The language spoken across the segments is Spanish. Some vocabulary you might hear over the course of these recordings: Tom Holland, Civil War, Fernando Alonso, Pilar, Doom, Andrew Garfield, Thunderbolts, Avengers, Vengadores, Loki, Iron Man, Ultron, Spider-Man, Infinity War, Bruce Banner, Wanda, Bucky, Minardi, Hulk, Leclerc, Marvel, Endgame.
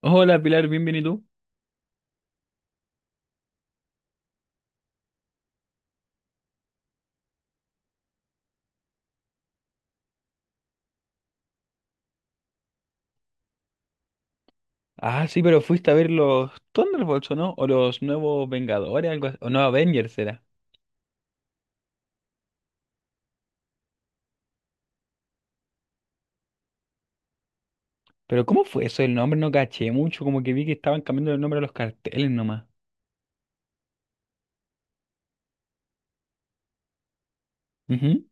Hola Pilar, bienvenido. Ah, sí, pero fuiste a ver los Thunderbolts, ¿o no? O los nuevos Vengadores, algo así. O no, Avengers era. Pero ¿cómo fue eso? El nombre no caché mucho, como que vi que estaban cambiando el nombre a los carteles nomás. Ujú.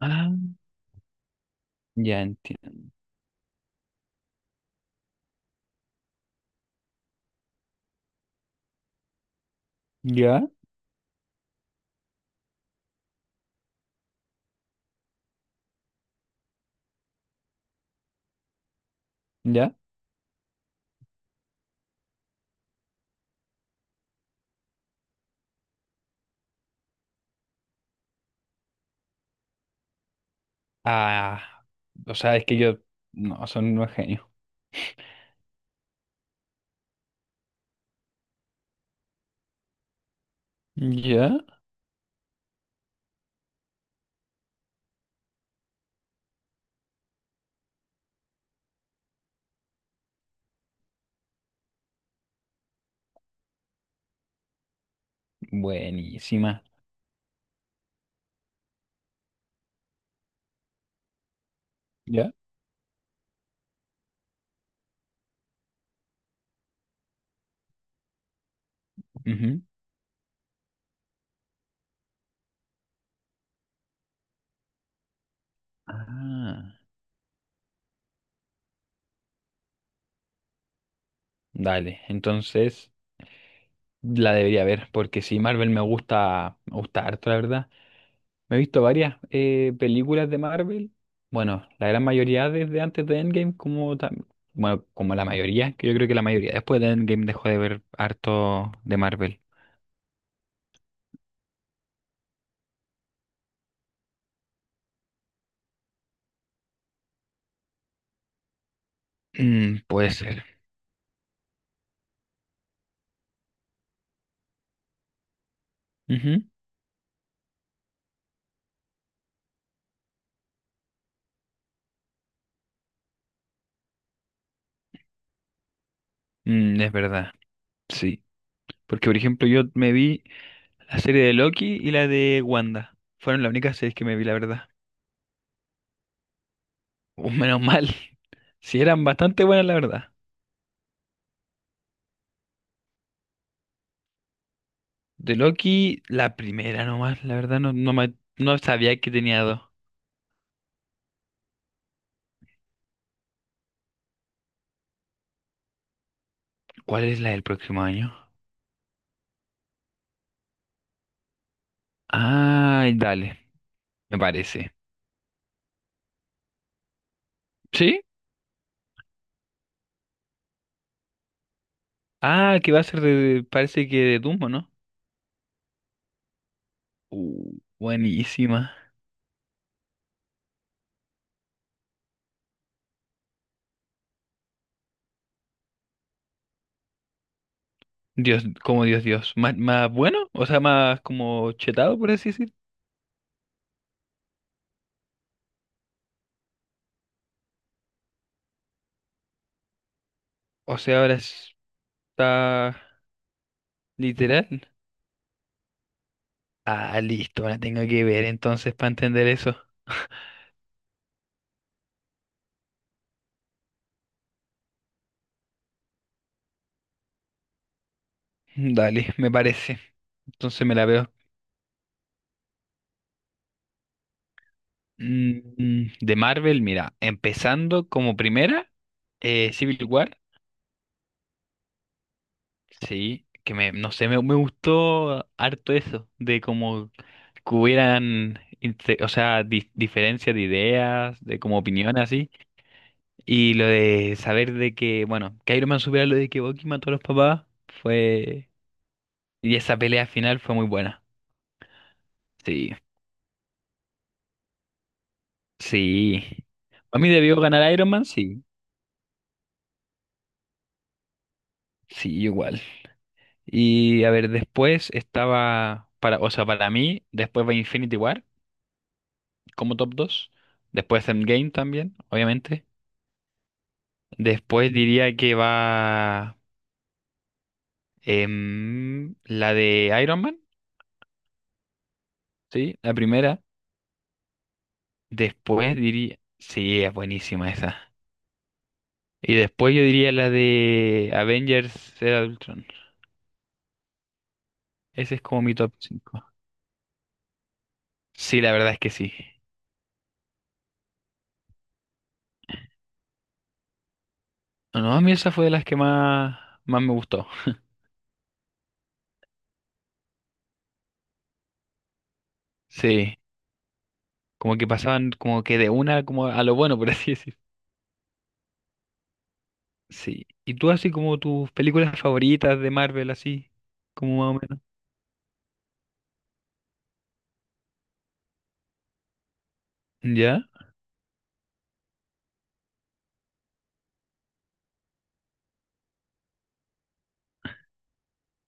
Ah, ya enti- Ya, ya. Ah, o sea, es que yo. No, son unos genios. Ya. Buenísima. Ya. Ujú. Ah, dale. Entonces, la debería ver, porque si Marvel me gusta harto, la verdad. Me he visto varias películas de Marvel. Bueno, la gran mayoría desde antes de Endgame, bueno, como la mayoría, que yo creo que la mayoría después de Endgame dejó de ver harto de Marvel. Mm, puede ser. Ujú. Mm, es verdad. Sí. Porque, por ejemplo, yo me vi la serie de Loki y la de Wanda. Fueron las únicas series que me vi, la verdad. Menos mal. Sí, eran bastante buenas, la verdad. De Loki, la primera nomás, la verdad, no sabía que tenía dos. ¿Cuál es la del próximo año? Ay, dale, me parece. ¿Sí? Ah, que va a ser de, parece que de Doom, ¿o no? Buenísima. Dios, como Dios, Dios. ¿Más, más bueno? O sea, más como chetado, por así decir. O sea, ahora está literal. Ah, listo, la tengo que ver entonces para entender eso. Dale, me parece. Entonces me la veo. De Marvel, mira, empezando como primera, Civil War. Sí, que no sé, me gustó harto eso, de como que o sea, diferencias de ideas, de como opiniones así, y lo de saber de que, bueno, que Iron Man supiera lo de que Bucky mató a los papás, fue, y esa pelea final fue muy buena. Sí, sí. A mí debió ganar Iron Man, sí, sí, igual. Y a ver, después estaba, para, o sea, para mí, después va Infinity War. Como top dos. Después Endgame también, obviamente. Después diría que va la de Iron Man, ¿sí? La primera. Después diría... Sí, es buenísima esa. Y después yo diría la de Avengers Era de Ultron. Ese es como mi top cinco. Sí, la verdad es que sí. No, a mí esa fue de las que más, más me gustó. Sí, como que pasaban como que de una como a lo bueno, por así decir. Sí. ¿Y tú así como tus películas favoritas de Marvel, así, como más o menos? ¿Ya?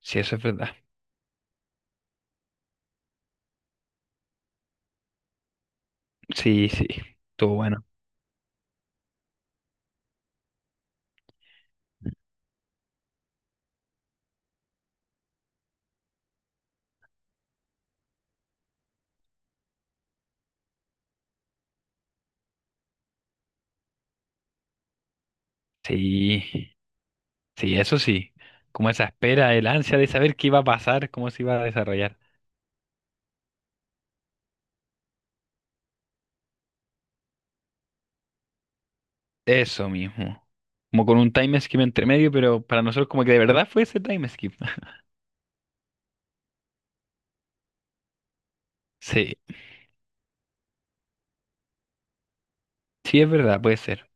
Sí, eso es verdad. Sí, sí. Todo bueno. Sí, sí, eso sí. Como esa espera, el ansia de saber qué iba a pasar, cómo se iba a desarrollar. Eso mismo. Como con un time skip entre medio, pero para nosotros como que de verdad fue ese time skip. Sí, sí es verdad, puede ser.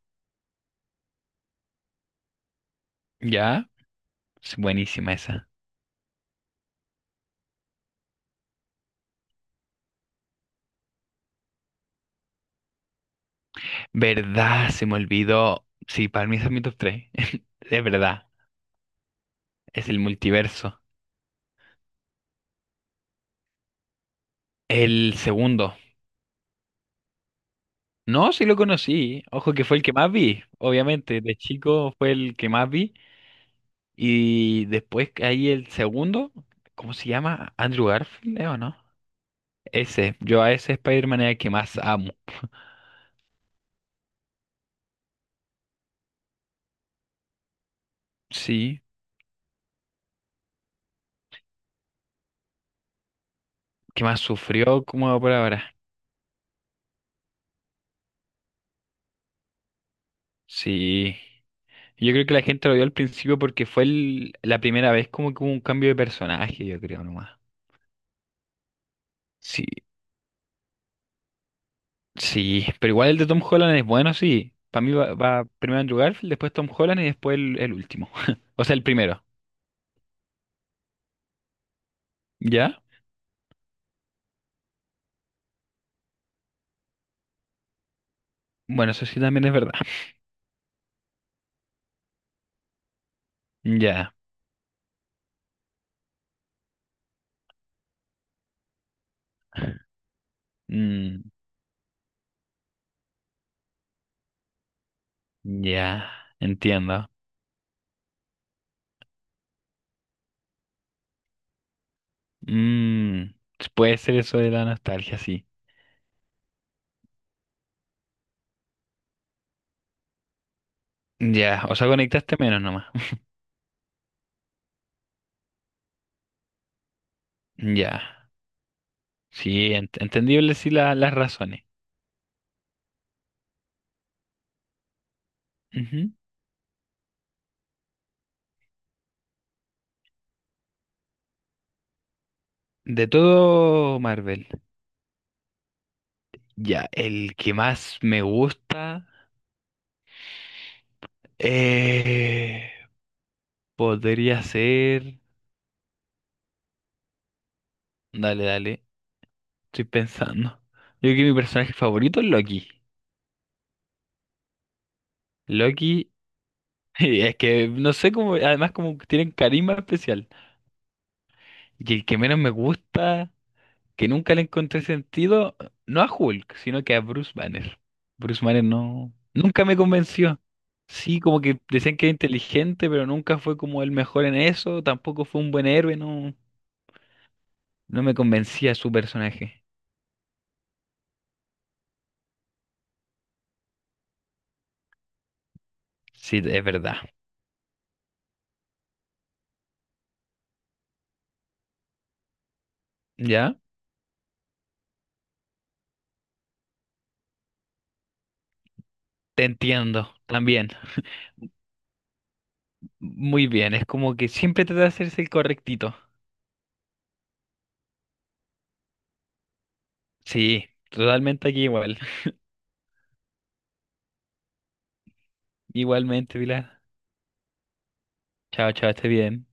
¿Ya? Es buenísima esa. ¿Verdad? Se me olvidó. Sí, para mí esa es mi top tres. Es verdad. Es el multiverso. El segundo. No, sí lo conocí. Ojo que fue el que más vi. Obviamente, de chico fue el que más vi. Y después que ahí el segundo, ¿cómo se llama? Andrew Garfield, ¿eh, o no? Ese. Yo a ese Spider-Man es el que más amo. Sí. Que más sufrió como por ahora. Sí. Yo creo que la gente lo vio al principio porque la primera vez como que hubo un cambio de personaje, yo creo nomás. Sí. Sí, pero igual el de Tom Holland es bueno, sí. Para mí va primero Andrew Garfield, después Tom Holland y después el último. O sea, el primero. ¿Ya? Bueno, eso sí también es verdad. Ya. Mm, ya, entiendo. Mm, puede ser eso de la nostalgia, sí. Ya, o sea, conectaste menos nomás. Ya. Sí, entendible sí las razones. Ujú. De todo Marvel. Ya, el que más me gusta... eh, Podría ser. Dale, dale. Estoy pensando. Yo creo que mi personaje favorito es Loki. Loki, es que no sé cómo. Además, como que tienen carisma especial. Y el que menos me gusta, que nunca le encontré sentido, no a Hulk, sino que a Bruce Banner. Bruce Banner no. Nunca me convenció. Sí, como que decían que era inteligente, pero nunca fue como el mejor en eso. Tampoco fue un buen héroe, no. No me convencía su personaje. Sí, es verdad. ¿Ya? Te entiendo, también. Muy bien, es como que siempre trata de hacerse el correctito. Sí, totalmente aquí igual. Igualmente, Pilar. Chao, chao, esté bien.